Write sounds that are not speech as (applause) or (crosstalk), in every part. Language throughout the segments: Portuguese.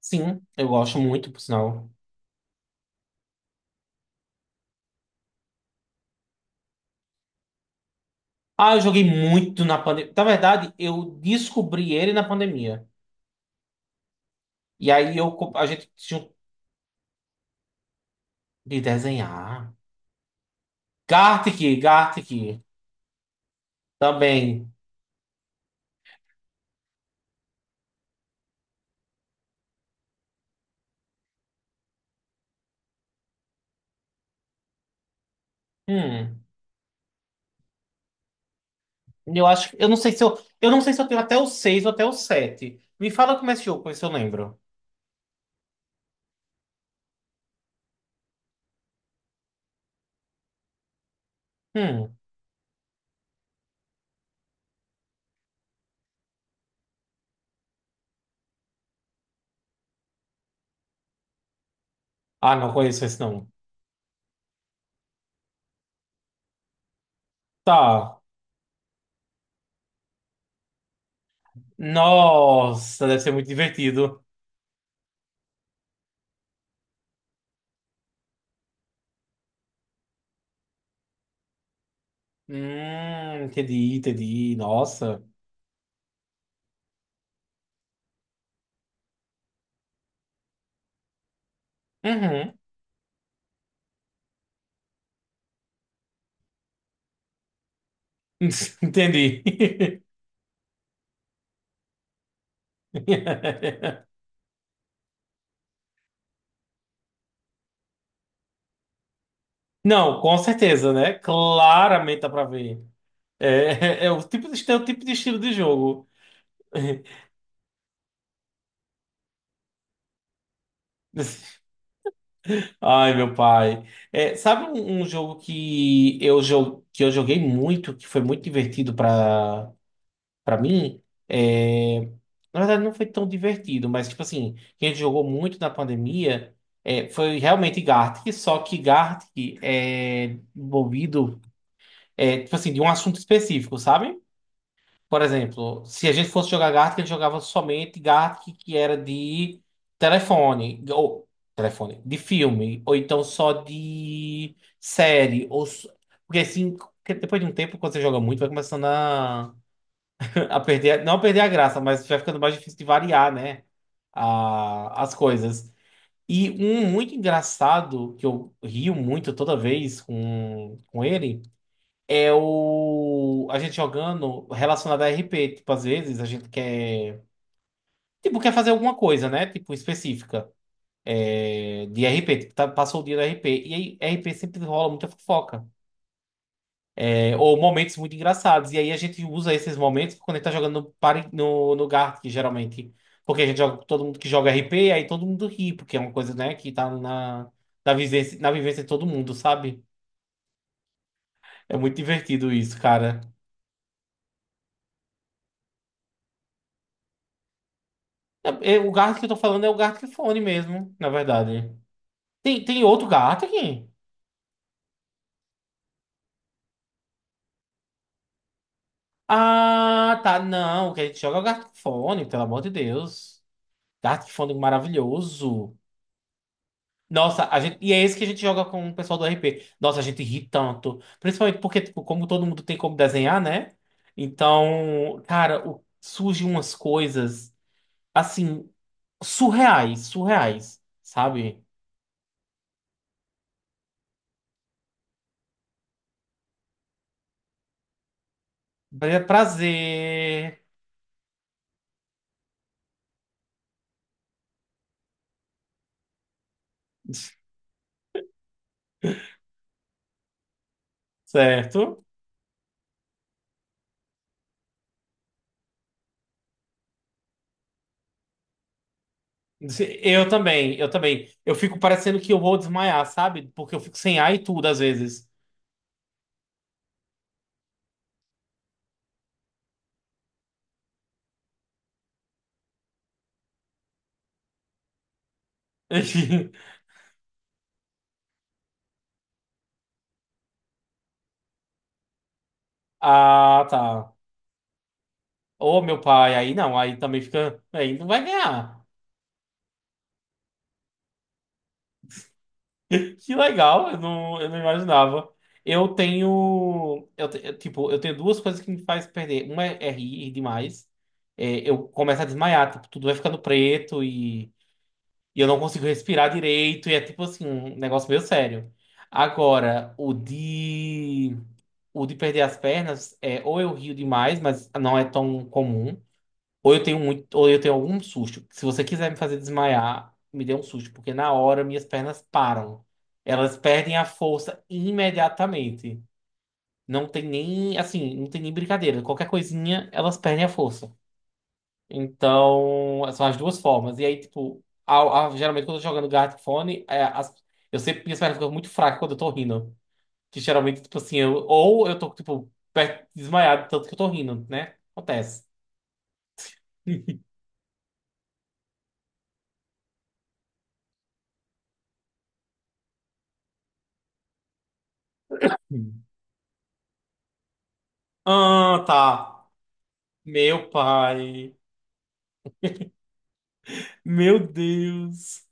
Sim, eu gosto muito, por sinal. Ah, eu joguei muito na pandemia. Na verdade, eu descobri ele na pandemia. E aí eu, a gente tinha um de desenhar. Gartic, também. Hum, eu acho, eu não sei se eu, eu não sei se eu tenho até o 6 ou até o sete. Me fala como é esse jogo, pra ver se eu lembro. Hum. Ah, não conheço esse não. Tá. Nossa, deve ser muito divertido. Entendi, entendi. Nossa. Uhum. (laughs) Entendi. (laughs) (laughs) Não, com certeza, né? Claramente dá pra ver. É, o tipo de, é o tipo de estilo de jogo. (laughs) Ai, meu pai. É, sabe um, um jogo que eu, que eu joguei muito, que foi muito divertido pra, pra mim? É, na verdade, não foi tão divertido, mas, tipo assim, que a gente jogou muito na pandemia, é, foi realmente Gartic, só que Gartic é envolvido, é, tipo assim, de um assunto específico, sabe? Por exemplo, se a gente fosse jogar Gartic, ele jogava somente Gartic que era de telefone, ou telefone, de filme, ou então só de série, porque assim, porque depois de um tempo, quando você joga muito, vai começando a, (laughs) a perder, não a perder a graça, mas vai ficando mais difícil de variar, né, as coisas. E um muito engraçado, que eu rio muito toda vez com ele, é o a gente jogando relacionado a RP. Tipo, às vezes a gente quer, tipo, quer fazer alguma coisa, né? Tipo, específica. É, de RP, tipo, passou o dia do RP. E aí, RP sempre rola muita fofoca. É, ou momentos muito engraçados. E aí a gente usa esses momentos quando a gente tá jogando no, no, no Gartic, geralmente. Porque a gente joga com todo mundo que joga RP, aí todo mundo ri, porque é uma coisa, né, que tá na, na vivência de todo mundo, sabe? É muito divertido isso, cara. É, é, o Gartic que eu tô falando é o Gartic Fone mesmo, na verdade. Tem, tem outro Gartic? Ah, tá. Não, o que a gente joga é o Gartic Fone, pelo amor de Deus. Gartic Fone maravilhoso. Nossa, a gente, e é esse que a gente joga com o pessoal do RP. Nossa, a gente ri tanto. Principalmente porque, tipo, como todo mundo tem como desenhar, né? Então, cara, surgem umas coisas, assim, surreais, sabe? Prazer. (laughs) Certo? Eu também, eu também. Eu fico parecendo que eu vou desmaiar, sabe? Porque eu fico sem ar e tudo às vezes. (laughs) Ah, tá. Ô, meu pai, aí não, aí também fica. Aí não vai ganhar. (laughs) Que legal, eu não imaginava. Eu tenho. Eu, eu, tipo, eu tenho duas coisas que me faz perder. Uma é, é rir demais. É, eu começo a desmaiar, tipo, tudo vai ficando preto e eu não consigo respirar direito. E é tipo assim, um negócio meio sério. Agora, o de. O de perder as pernas é ou eu rio demais, mas não é tão comum, ou eu tenho muito, ou eu tenho algum susto. Se você quiser me fazer desmaiar, me dê um susto, porque na hora minhas pernas param. Elas perdem a força imediatamente. Não tem nem, assim, não tem nem brincadeira. Qualquer coisinha, elas perdem a força. Então, são as duas formas. E aí, tipo, geralmente quando eu tô jogando Gartic Phone, é, eu sempre minhas pernas ficam muito fracas quando eu tô rindo. Que geralmente, tipo assim, eu, ou eu tô, tipo, perto, desmaiado, de tanto que eu tô rindo, né? Acontece. (laughs) Ah, tá. Meu pai. Meu Deus.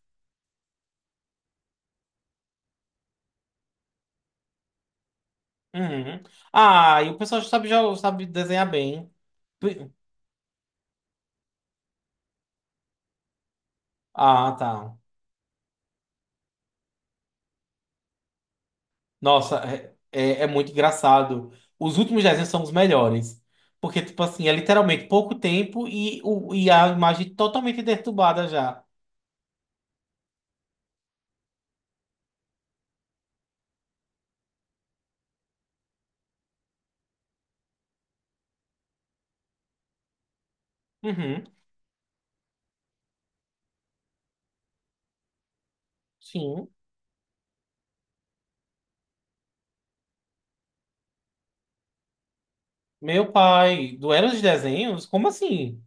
Uhum. Ah, e o pessoal já sabe desenhar bem. P- Ah, tá. Nossa, é, é, é muito engraçado. Os últimos desenhos são os melhores. Porque, tipo assim, é literalmente pouco tempo e, o, e a imagem totalmente deturbada já. Uhum. Sim. Meu pai, do Era de Desenhos? Como assim?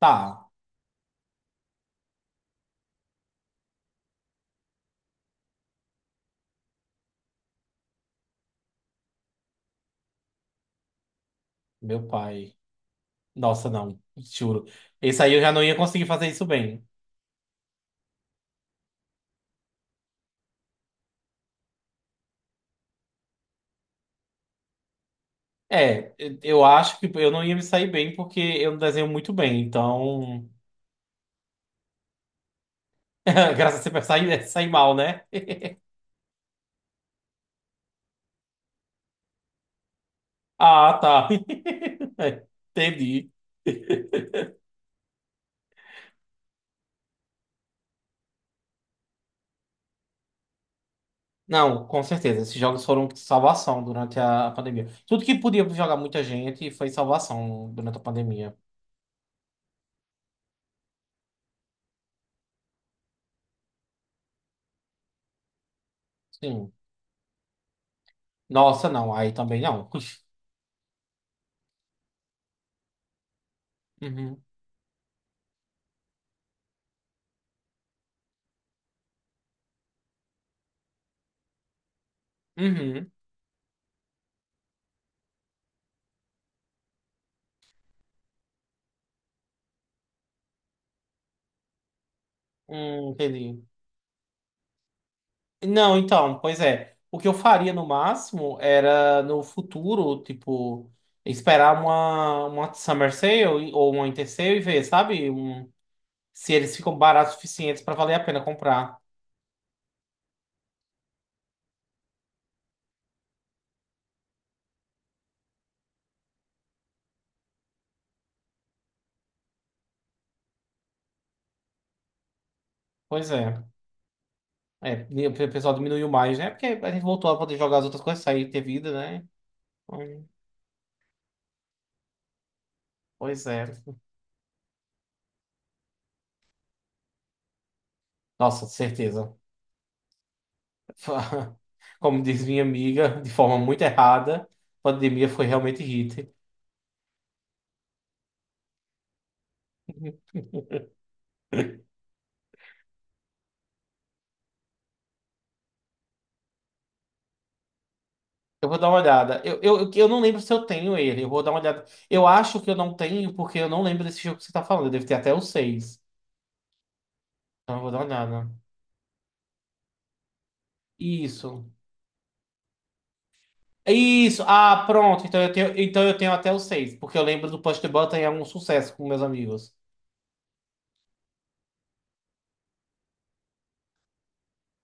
Tá, meu pai. Nossa, não, juro. Esse aí eu já não ia conseguir fazer isso bem. É, eu acho que eu não ia me sair bem porque eu não desenho muito bem, então. (laughs) Graças a Deus, sair sair mal, né? Ah, tá. (laughs) Entendi. Não, com certeza. Esses jogos foram salvação durante a pandemia. Tudo que podia jogar muita gente foi salvação durante a pandemia. Sim. Nossa, não. Aí também não. (laughs) Uhum. Uhum. Entendi. Não, então, pois é. O que eu faria no máximo era no futuro, tipo, esperar uma Summer Sale ou uma Winter Sale e ver, sabe? Se eles ficam baratos o suficientes para valer a pena comprar. Pois é. É, e o pessoal diminuiu mais, né? Porque a gente voltou a poder jogar as outras coisas, sair e ter vida, né? Hum. Pois é. Nossa, certeza. (laughs) Como diz minha amiga, de forma muito errada, a pandemia foi realmente hit. (laughs) Eu vou dar uma olhada. Eu não lembro se eu tenho ele. Eu vou dar uma olhada. Eu acho que eu não tenho, porque eu não lembro desse jogo que você tá falando. Deve ter até o seis. Então eu vou dar uma olhada. Isso. Isso. Ah, pronto. Então eu tenho até o 6, porque eu lembro do Push the Button e é um sucesso com meus amigos.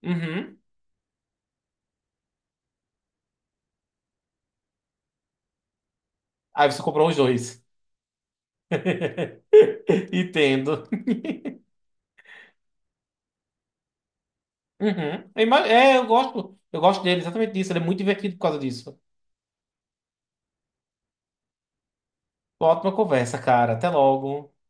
Uhum. Aí você comprou os dois. (laughs) Entendo. Uhum. É, eu gosto. Eu gosto dele exatamente disso. Ele é muito divertido por causa disso. Ótima conversa, cara. Até logo.